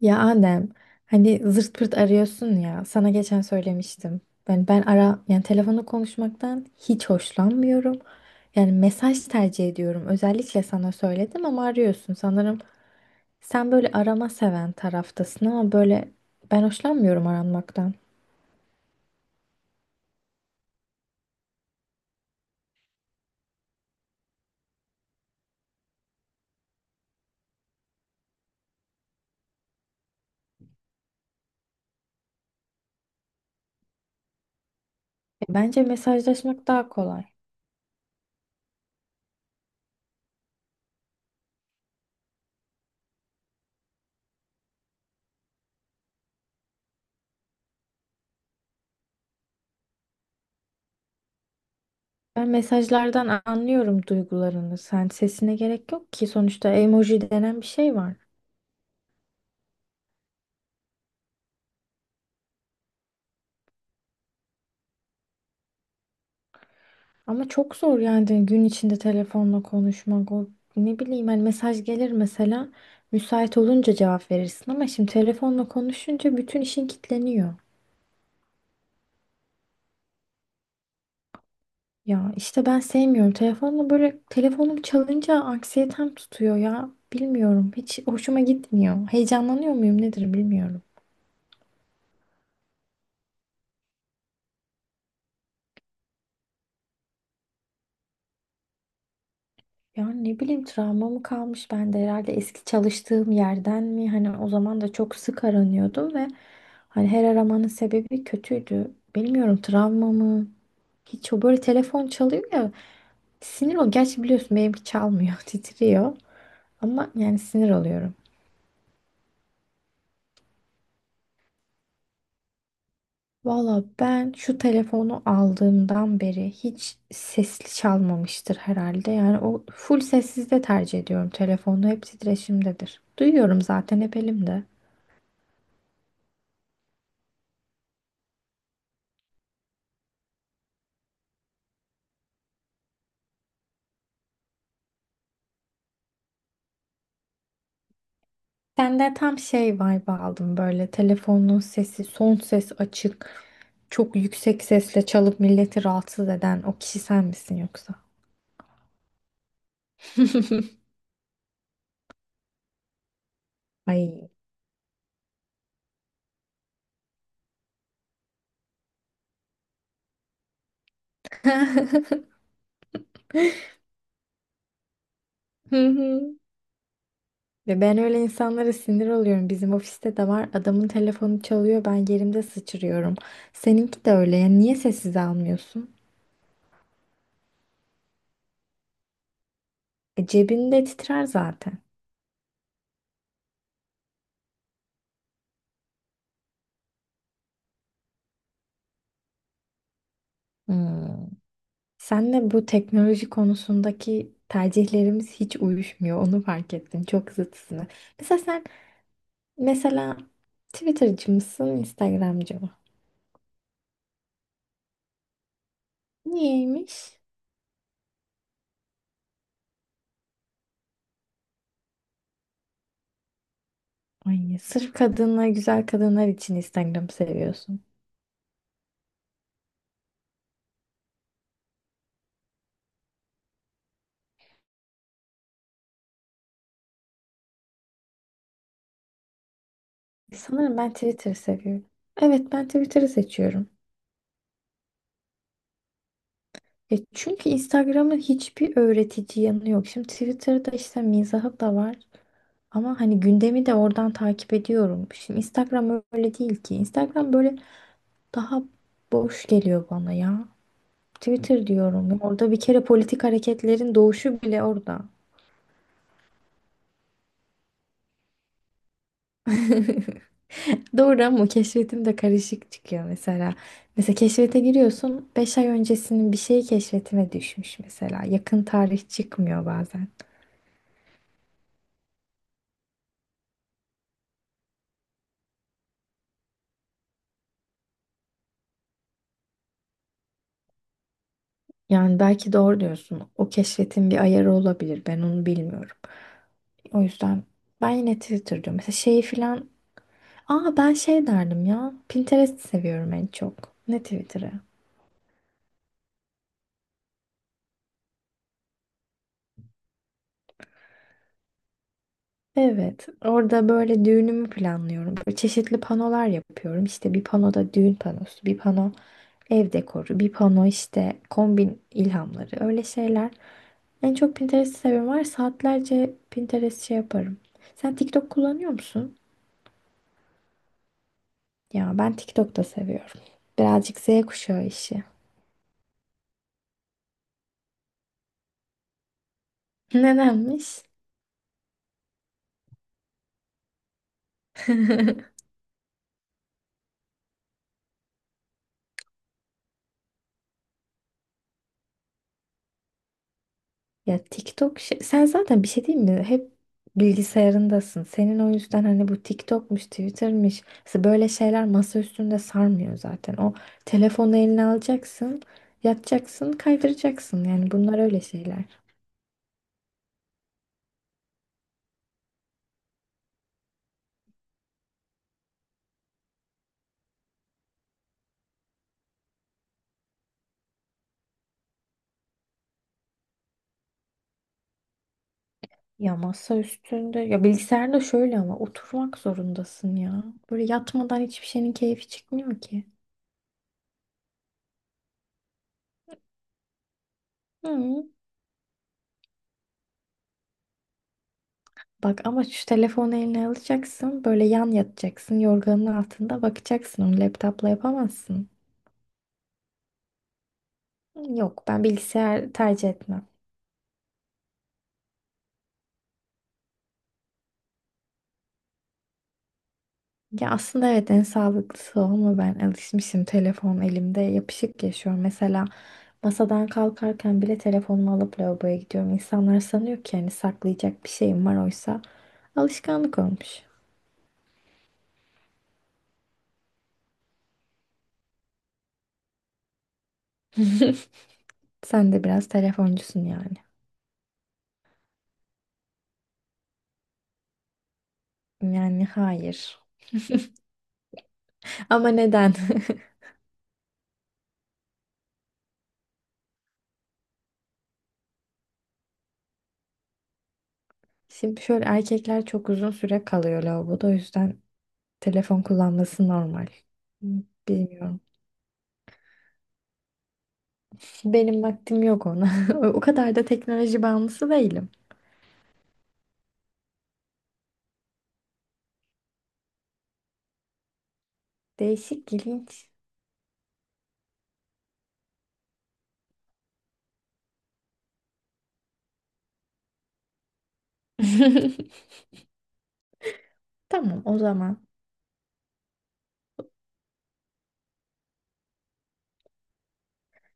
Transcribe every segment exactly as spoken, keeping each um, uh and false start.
Ya Adem, hani zırt pırt arıyorsun ya. Sana geçen söylemiştim. Ben ben ara yani telefonda konuşmaktan hiç hoşlanmıyorum. Yani mesaj tercih ediyorum. Özellikle sana söyledim ama arıyorsun. Sanırım sen böyle arama seven taraftasın ama böyle ben hoşlanmıyorum aranmaktan. E, Bence mesajlaşmak daha kolay. Ben mesajlardan anlıyorum duygularını. Sen sesine gerek yok ki sonuçta emoji denen bir şey var. Ama çok zor yani gün içinde telefonla konuşmak. O ne bileyim hani mesaj gelir mesela müsait olunca cevap verirsin ama şimdi telefonla konuşunca bütün işin kilitleniyor. Ya işte ben sevmiyorum. Telefonla böyle telefonum çalınca anksiyetem tutuyor ya. Bilmiyorum. Hiç hoşuma gitmiyor. Heyecanlanıyor muyum nedir bilmiyorum. Ya ne bileyim travma mı kalmış bende herhalde eski çalıştığım yerden mi? Hani o zaman da çok sık aranıyordum ve hani her aramanın sebebi kötüydü. Bilmiyorum, travma mı? Hiç o böyle telefon çalıyor ya, sinir ol. Gerçi biliyorsun benimki çalmıyor titriyor ama yani sinir oluyorum. Valla ben şu telefonu aldığımdan beri hiç sesli çalmamıştır herhalde. Yani o full sessizde tercih ediyorum telefonu. Hep titreşimdedir. Duyuyorum zaten hep elimde. Sende tam şey vibe aldım, böyle telefonun sesi son ses açık, çok yüksek sesle çalıp milleti rahatsız eden o kişi sen misin yoksa? Ay. Hı hı. Ve ben öyle insanlara sinir oluyorum. Bizim ofiste de var. Adamın telefonu çalıyor. Ben yerimde sıçrıyorum. Seninki de öyle. Yani niye sessiz almıyorsun? E, cebinde titrer zaten. Hmm. Senle bu teknoloji konusundaki tercihlerimiz hiç uyuşmuyor. Onu fark ettim. Çok zıtsını. Mesela sen mesela Twitter'cı mısın, Instagram'cı mı? Niyeymiş? Ay, sırf kadınlar, güzel kadınlar için Instagram'ı seviyorsun. Sanırım ben Twitter'ı seviyorum. Evet, ben Twitter'ı seçiyorum. E çünkü Instagram'ın hiçbir öğretici yanı yok. Şimdi Twitter'da işte mizahı da var. Ama hani gündemi de oradan takip ediyorum. Şimdi Instagram öyle değil ki. Instagram böyle daha boş geliyor bana ya. Twitter diyorum ya. Orada bir kere politik hareketlerin doğuşu bile orada. Doğru, ama keşfetim de karışık çıkıyor mesela. Mesela keşfete giriyorsun. Beş ay öncesinin bir şeyi keşfetime düşmüş mesela. Yakın tarih çıkmıyor bazen. Yani belki doğru diyorsun. O keşfetin bir ayarı olabilir. Ben onu bilmiyorum. O yüzden ben yine Twitter diyorum. Mesela şeyi filan. Aa, ben şey derdim ya. Pinterest seviyorum en çok. Ne Twitter'ı? Evet, orada böyle düğünümü planlıyorum. Böyle çeşitli panolar yapıyorum. İşte bir panoda düğün panosu, bir pano ev dekoru, bir pano işte kombin ilhamları, öyle şeyler. En çok Pinterest'i seviyorum var ya, saatlerce Pinterest şey yaparım. Sen TikTok kullanıyor musun? Ya ben TikTok da seviyorum. Birazcık Z kuşağı işi. Nedenmiş? Ya TikTok şey, sen zaten bir şey değil mi? Hep bilgisayarındasın. Senin o yüzden hani bu TikTok'muş, Twitter'mış. Mesela böyle şeyler masa üstünde sarmıyor zaten. O telefonu eline alacaksın, yatacaksın, kaydıracaksın. Yani bunlar öyle şeyler. Ya masa üstünde, ya bilgisayarda şöyle, ama oturmak zorundasın ya. Böyle yatmadan hiçbir şeyin keyfi çıkmıyor ki. Hı. Bak ama şu telefonu eline alacaksın, böyle yan yatacaksın, yorganın altında bakacaksın. Onu laptopla yapamazsın. Yok, ben bilgisayar tercih etmem. Ya aslında evet, en sağlıklısı o ama ben alışmışım, telefon elimde yapışık yaşıyorum. Mesela masadan kalkarken bile telefonumu alıp lavaboya gidiyorum. İnsanlar sanıyor ki hani saklayacak bir şeyim var, oysa alışkanlık olmuş. Sen de biraz telefoncusun yani. Yani hayır. Ama neden? Şimdi şöyle, erkekler çok uzun süre kalıyor lavaboda, o yüzden telefon kullanması normal. Bilmiyorum. Benim vaktim yok ona. O kadar da teknoloji bağımlısı değilim. Değişik, ilginç. Tamam, o zaman.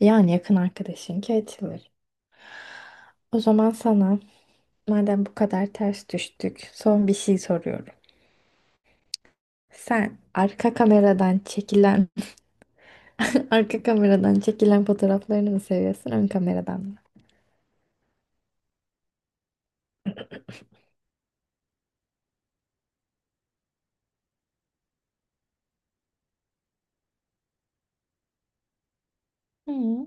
Yani yakın arkadaşınki açılır. O zaman sana, madem bu kadar ters düştük, son bir şey soruyorum. Sen arka kameradan çekilen arka kameradan çekilen fotoğraflarını mı seviyorsun, ön kameradan mı? Hı.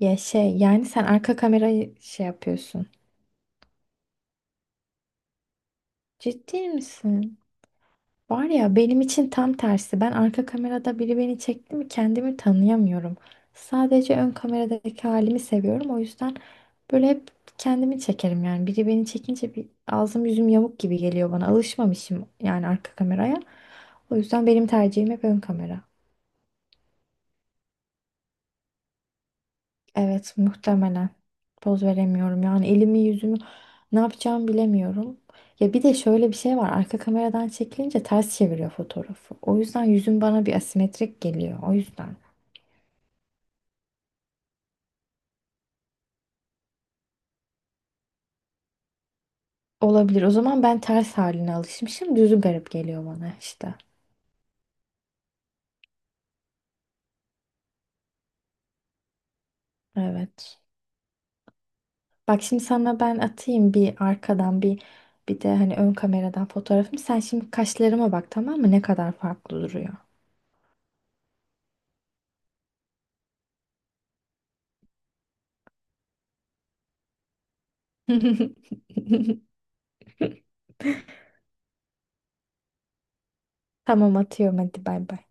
Ya şey, yani sen arka kamerayı şey yapıyorsun. Ciddi misin? Var ya, benim için tam tersi. Ben arka kamerada biri beni çekti mi kendimi tanıyamıyorum. Sadece ön kameradaki halimi seviyorum. O yüzden böyle hep kendimi çekerim yani. Biri beni çekince bir ağzım yüzüm yamuk gibi geliyor bana. Alışmamışım yani arka kameraya. O yüzden benim tercihim hep ön kamera. Evet, muhtemelen poz veremiyorum yani, elimi yüzümü ne yapacağımı bilemiyorum. Ya bir de şöyle bir şey var, arka kameradan çekilince ters çeviriyor fotoğrafı. O yüzden yüzüm bana bir asimetrik geliyor, o yüzden. Olabilir, o zaman ben ters haline alışmışım, düzü garip geliyor bana işte. Evet. Bak şimdi sana ben atayım bir arkadan, bir bir de hani ön kameradan fotoğrafımı. Sen şimdi kaşlarıma bak tamam mı, ne kadar farklı duruyor. Tamam, atıyorum, hadi bay bay.